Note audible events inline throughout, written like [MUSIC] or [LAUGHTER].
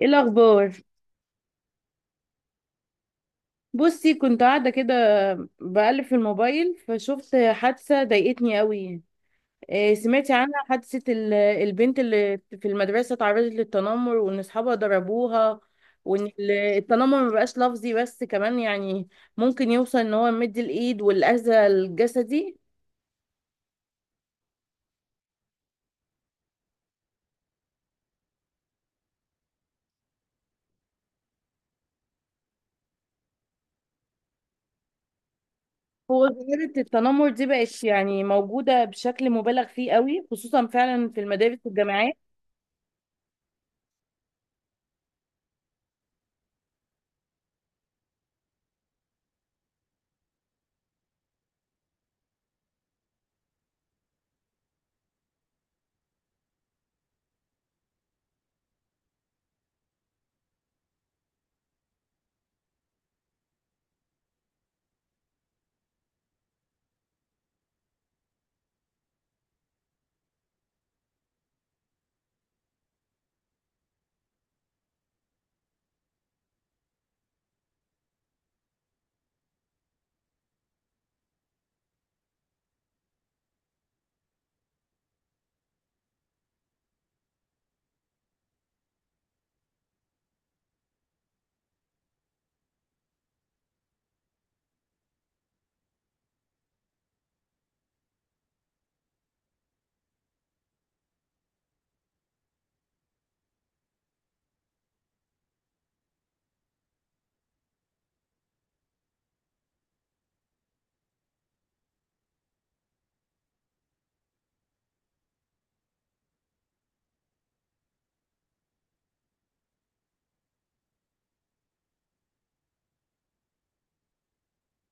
ايه الاخبار؟ بصي، كنت قاعده كده بقلب في الموبايل، فشفت حادثه ضايقتني قوي. إيه، سمعتي عنها؟ حادثه البنت اللي في المدرسه اتعرضت للتنمر، وان اصحابها ضربوها، وان التنمر مبقاش لفظي بس، كمان يعني ممكن يوصل ان هو يمد الايد والاذى الجسدي. هو ظاهره التنمر دي بقت يعني موجوده بشكل مبالغ فيه قوي، خصوصا فعلا في المدارس والجامعات.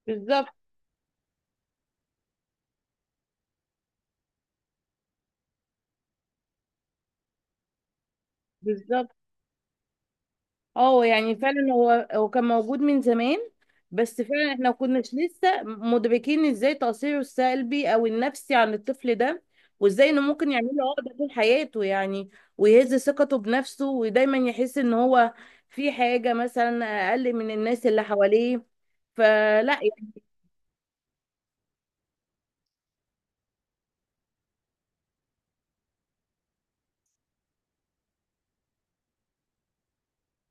بالظبط. بالظبط. اه، يعني فعلا هو كان موجود من زمان. بس فعلا احنا ما كناش لسه مدركين ازاي تأثيره السلبي او النفسي عن الطفل ده، وازاي انه ممكن يعمل له عقدة طول حياته يعني، ويهز ثقته بنفسه، ودايما يحس ان هو في حاجة مثلا اقل من الناس اللي حواليه، فلا يعني.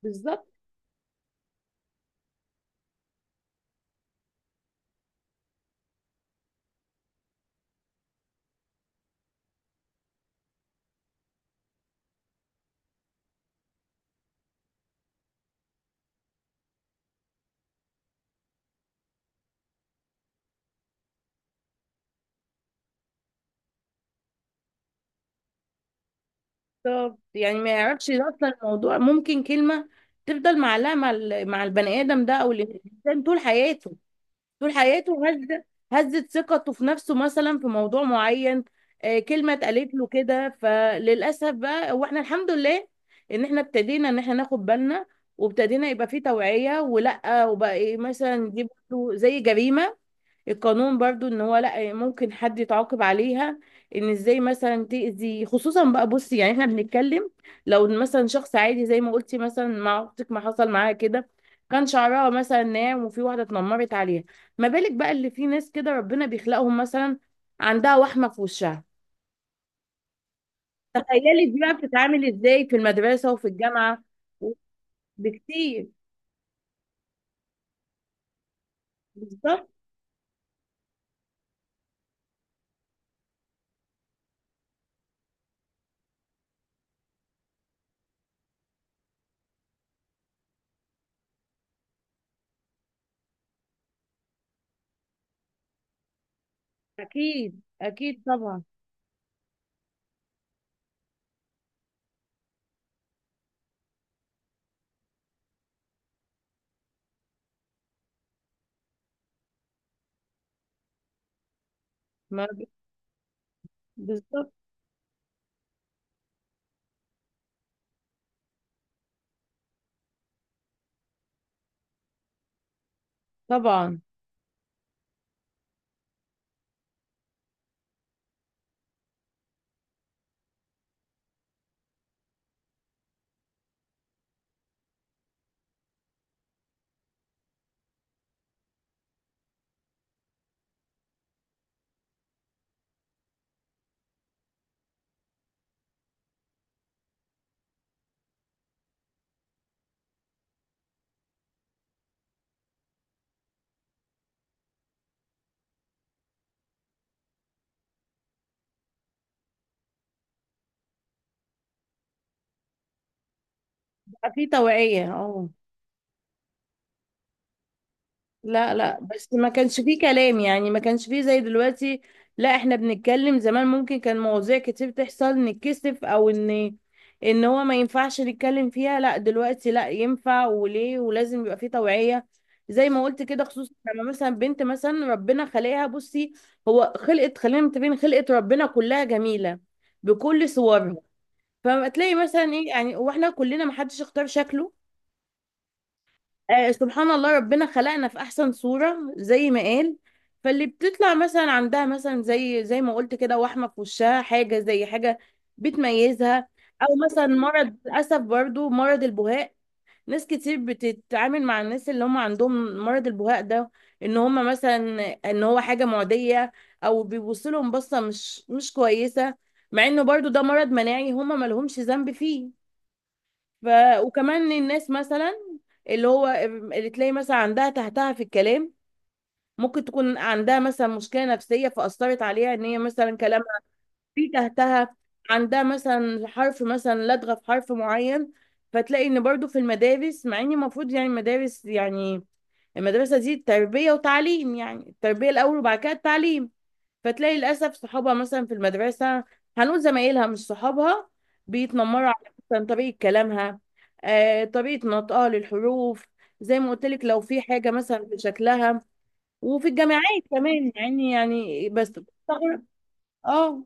بالظبط. بالظبط. يعني ما يعرفش اصلا الموضوع، ممكن كلمة تفضل معلقة مع البني ادم ده او الانسان طول حياته هزت ثقته في نفسه مثلا في موضوع معين. كلمة اتقالت له كده، فللأسف. بقى واحنا الحمد لله ان احنا ابتدينا ان احنا ناخد بالنا، وابتدينا يبقى فيه توعية، ولا وبقى إيه، مثلا دي برضه زي جريمة. القانون برضو ان هو لا ممكن حد يتعاقب عليها، ان ازاي مثلا تأذي. خصوصا بقى، بصي، يعني احنا بنتكلم لو إن مثلا شخص عادي زي ما قلتي، مثلا مع اختك، ما حصل معاها كده كان شعرها مثلا ناعم، وفي واحدة اتنمرت عليها. ما بالك بقى اللي في ناس كده ربنا بيخلقهم مثلا عندها وحمة في وشها، تخيلي دي بقى بتتعامل ازاي في المدرسة وفي الجامعة! بكتير. بالظبط. اكيد، اكيد طبعا. ما بالظبط طبعا. بقى في توعية، اه. لا، لا، بس ما كانش فيه كلام يعني، ما كانش فيه زي دلوقتي. لا، احنا بنتكلم زمان ممكن كان مواضيع كتير تحصل نتكسف، او ان هو ما ينفعش نتكلم فيها. لا، دلوقتي لا ينفع، وليه ولازم يبقى فيه توعية زي ما قلت كده، خصوصا لما مثلا بنت مثلا ربنا خلقها. بصي، هو خلقت، خلينا متفقين، خلقت ربنا كلها جميلة بكل صورها، فما تلاقي مثلا ايه يعني، واحنا كلنا ما حدش اختار شكله. آه، سبحان الله، ربنا خلقنا في احسن صورة زي ما قال. فاللي بتطلع مثلا عندها مثلا زي ما قلت كده وحمة في وشها، حاجة زي حاجة بتميزها، او مثلا مرض، للاسف، برضو مرض البهاء. ناس كتير بتتعامل مع الناس اللي هم عندهم مرض البهاء ده ان هم مثلا ان هو حاجة معدية، او بيبصوا لهم بصة مش كويسة، مع انه برضو ده مرض مناعي هم ما لهمش ذنب فيه. ف... وكمان الناس مثلا اللي هو اللي تلاقي مثلا عندها تحتها في الكلام، ممكن تكون عندها مثلا مشكلة نفسية فأثرت عليها إن هي مثلا كلامها في تحتها، عندها مثلا حرف، مثلا لدغة في حرف معين. فتلاقي إن برضو في المدارس، مع إن المفروض يعني المدارس يعني المدرسة دي تربية وتعليم، يعني التربية الأول وبعد كده التعليم، فتلاقي للاسف صحابها مثلا في المدرسه، هنقول زمايلها مش صحابها، بيتنمروا على مثلا طريقه كلامها، طريقه نطقها للحروف. زي ما قلت لك، لو في حاجه مثلا في شكلها. وفي الجامعات كمان يعني بس بستغرب. اه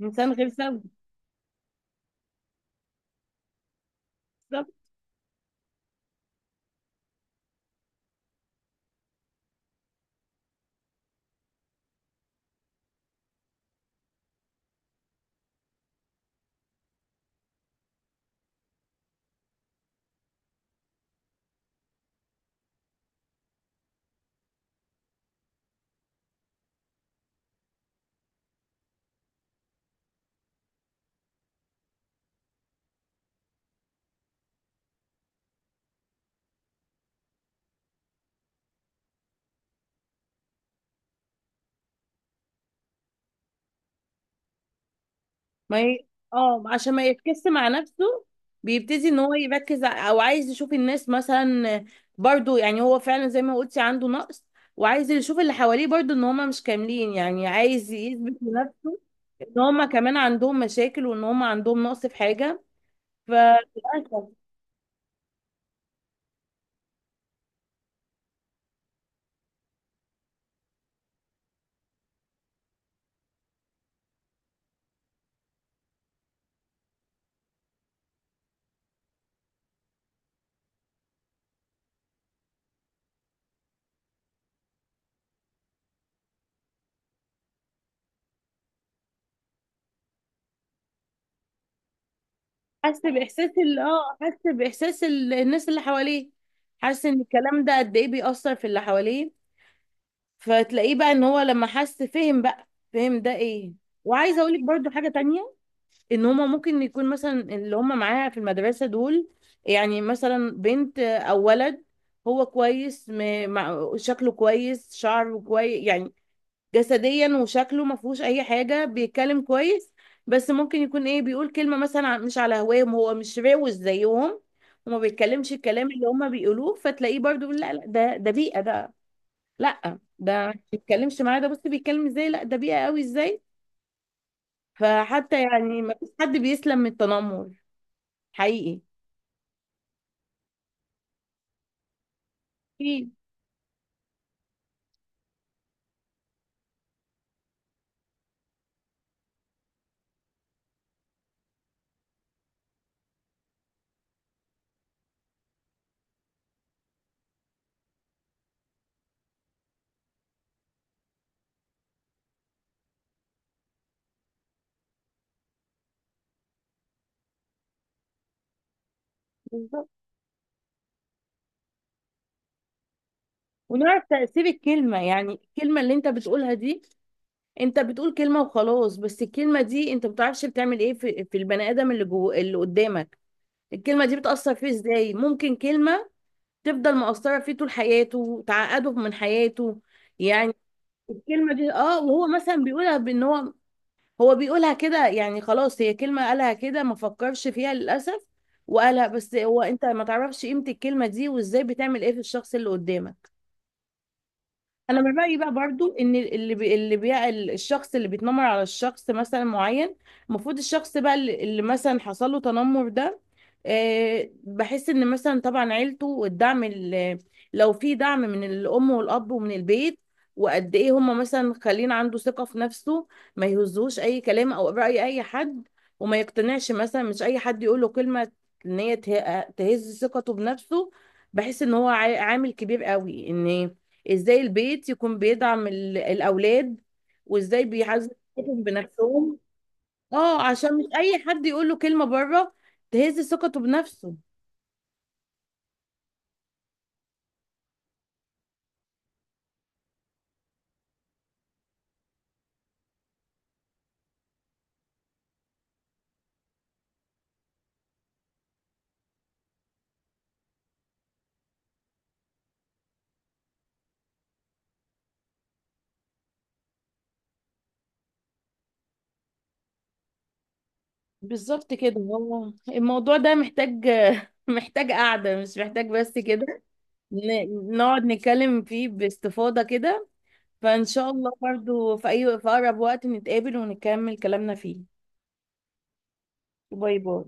انسان غير سوي. ما ي... اه عشان ما يفكس مع نفسه، بيبتدي ان هو يركز او عايز يشوف الناس مثلا. برضو يعني، هو فعلا زي ما قلتي، عنده نقص، وعايز يشوف اللي حواليه برضو ان هما مش كاملين، يعني عايز يثبت لنفسه ان هما كمان عندهم مشاكل، وان هما عندهم نقص في حاجة، فللأسف. حس بإحساس الناس اللي حواليه، حاسس ان الكلام ده قد ايه بيأثر في اللي حواليه، فتلاقيه بقى ان هو لما حس فهم، بقى فهم ده ايه؟ وعايزه اقول لك برضو حاجه تانية، ان هما ممكن يكون مثلا اللي هما معاها في المدرسه دول، يعني مثلا بنت او ولد، هو كويس، شكله كويس، شعره كويس، يعني جسديا وشكله ما فيهوش اي حاجه، بيتكلم كويس. بس ممكن يكون ايه، بيقول كلمه مثلا مش على هواهم، هو مش روش زيهم، وما بيتكلمش الكلام اللي هما بيقولوه، فتلاقيه برضو بيقول لا لا، ده بيئه، ده لا، ده ما بيتكلمش معايا، ده بص بيتكلم ازاي، لا ده بيئة قوي ازاي! فحتى يعني ما فيش حد بيسلم من التنمر، حقيقي. اكيد. بالظبط. ونعرف تأثير الكلمة، يعني الكلمة اللي انت بتقولها دي، انت بتقول كلمة وخلاص، بس الكلمة دي انت ما بتعرفش بتعمل ايه في البني ادم اللي جوه اللي قدامك. الكلمة دي بتأثر فيه ازاي، ممكن كلمة تفضل مؤثرة فيه طول حياته، تعقده من حياته يعني. الكلمة دي، وهو مثلا بيقولها بان هو بيقولها كده، يعني خلاص هي كلمة قالها كده ما فكرش فيها، للأسف، وقالها، بس هو انت ما تعرفش قيمة الكلمة دي وازاي بتعمل ايه في الشخص اللي قدامك. انا من رايي بقى برضو ان الشخص اللي بيتنمر على الشخص مثلا معين، المفروض الشخص بقى اللي مثلا حصل له تنمر ده، بحس ان مثلا طبعا عيلته والدعم لو في دعم من الام والاب ومن البيت، وقد ايه هم مثلا خلين عنده ثقة في نفسه، ما يهزوش اي كلام او رأي اي حد، وما يقتنعش مثلا مش اي حد يقول له كلمة ان هي تهز ثقته بنفسه. بحس ان هو عامل كبير قوي ان ازاي البيت يكون بيدعم الاولاد، وازاي بيعزز ثقتهم بنفسهم. اه عشان مش اي حد يقول له كلمه بره تهز ثقته بنفسه. بالظبط كده، هو الموضوع ده محتاج [LAUGHS] محتاج قعده، مش محتاج بس كده، نقعد نتكلم فيه باستفاضه كده. فان شاء الله برضو في اقرب وقت نتقابل ونكمل كلامنا فيه. باي باي.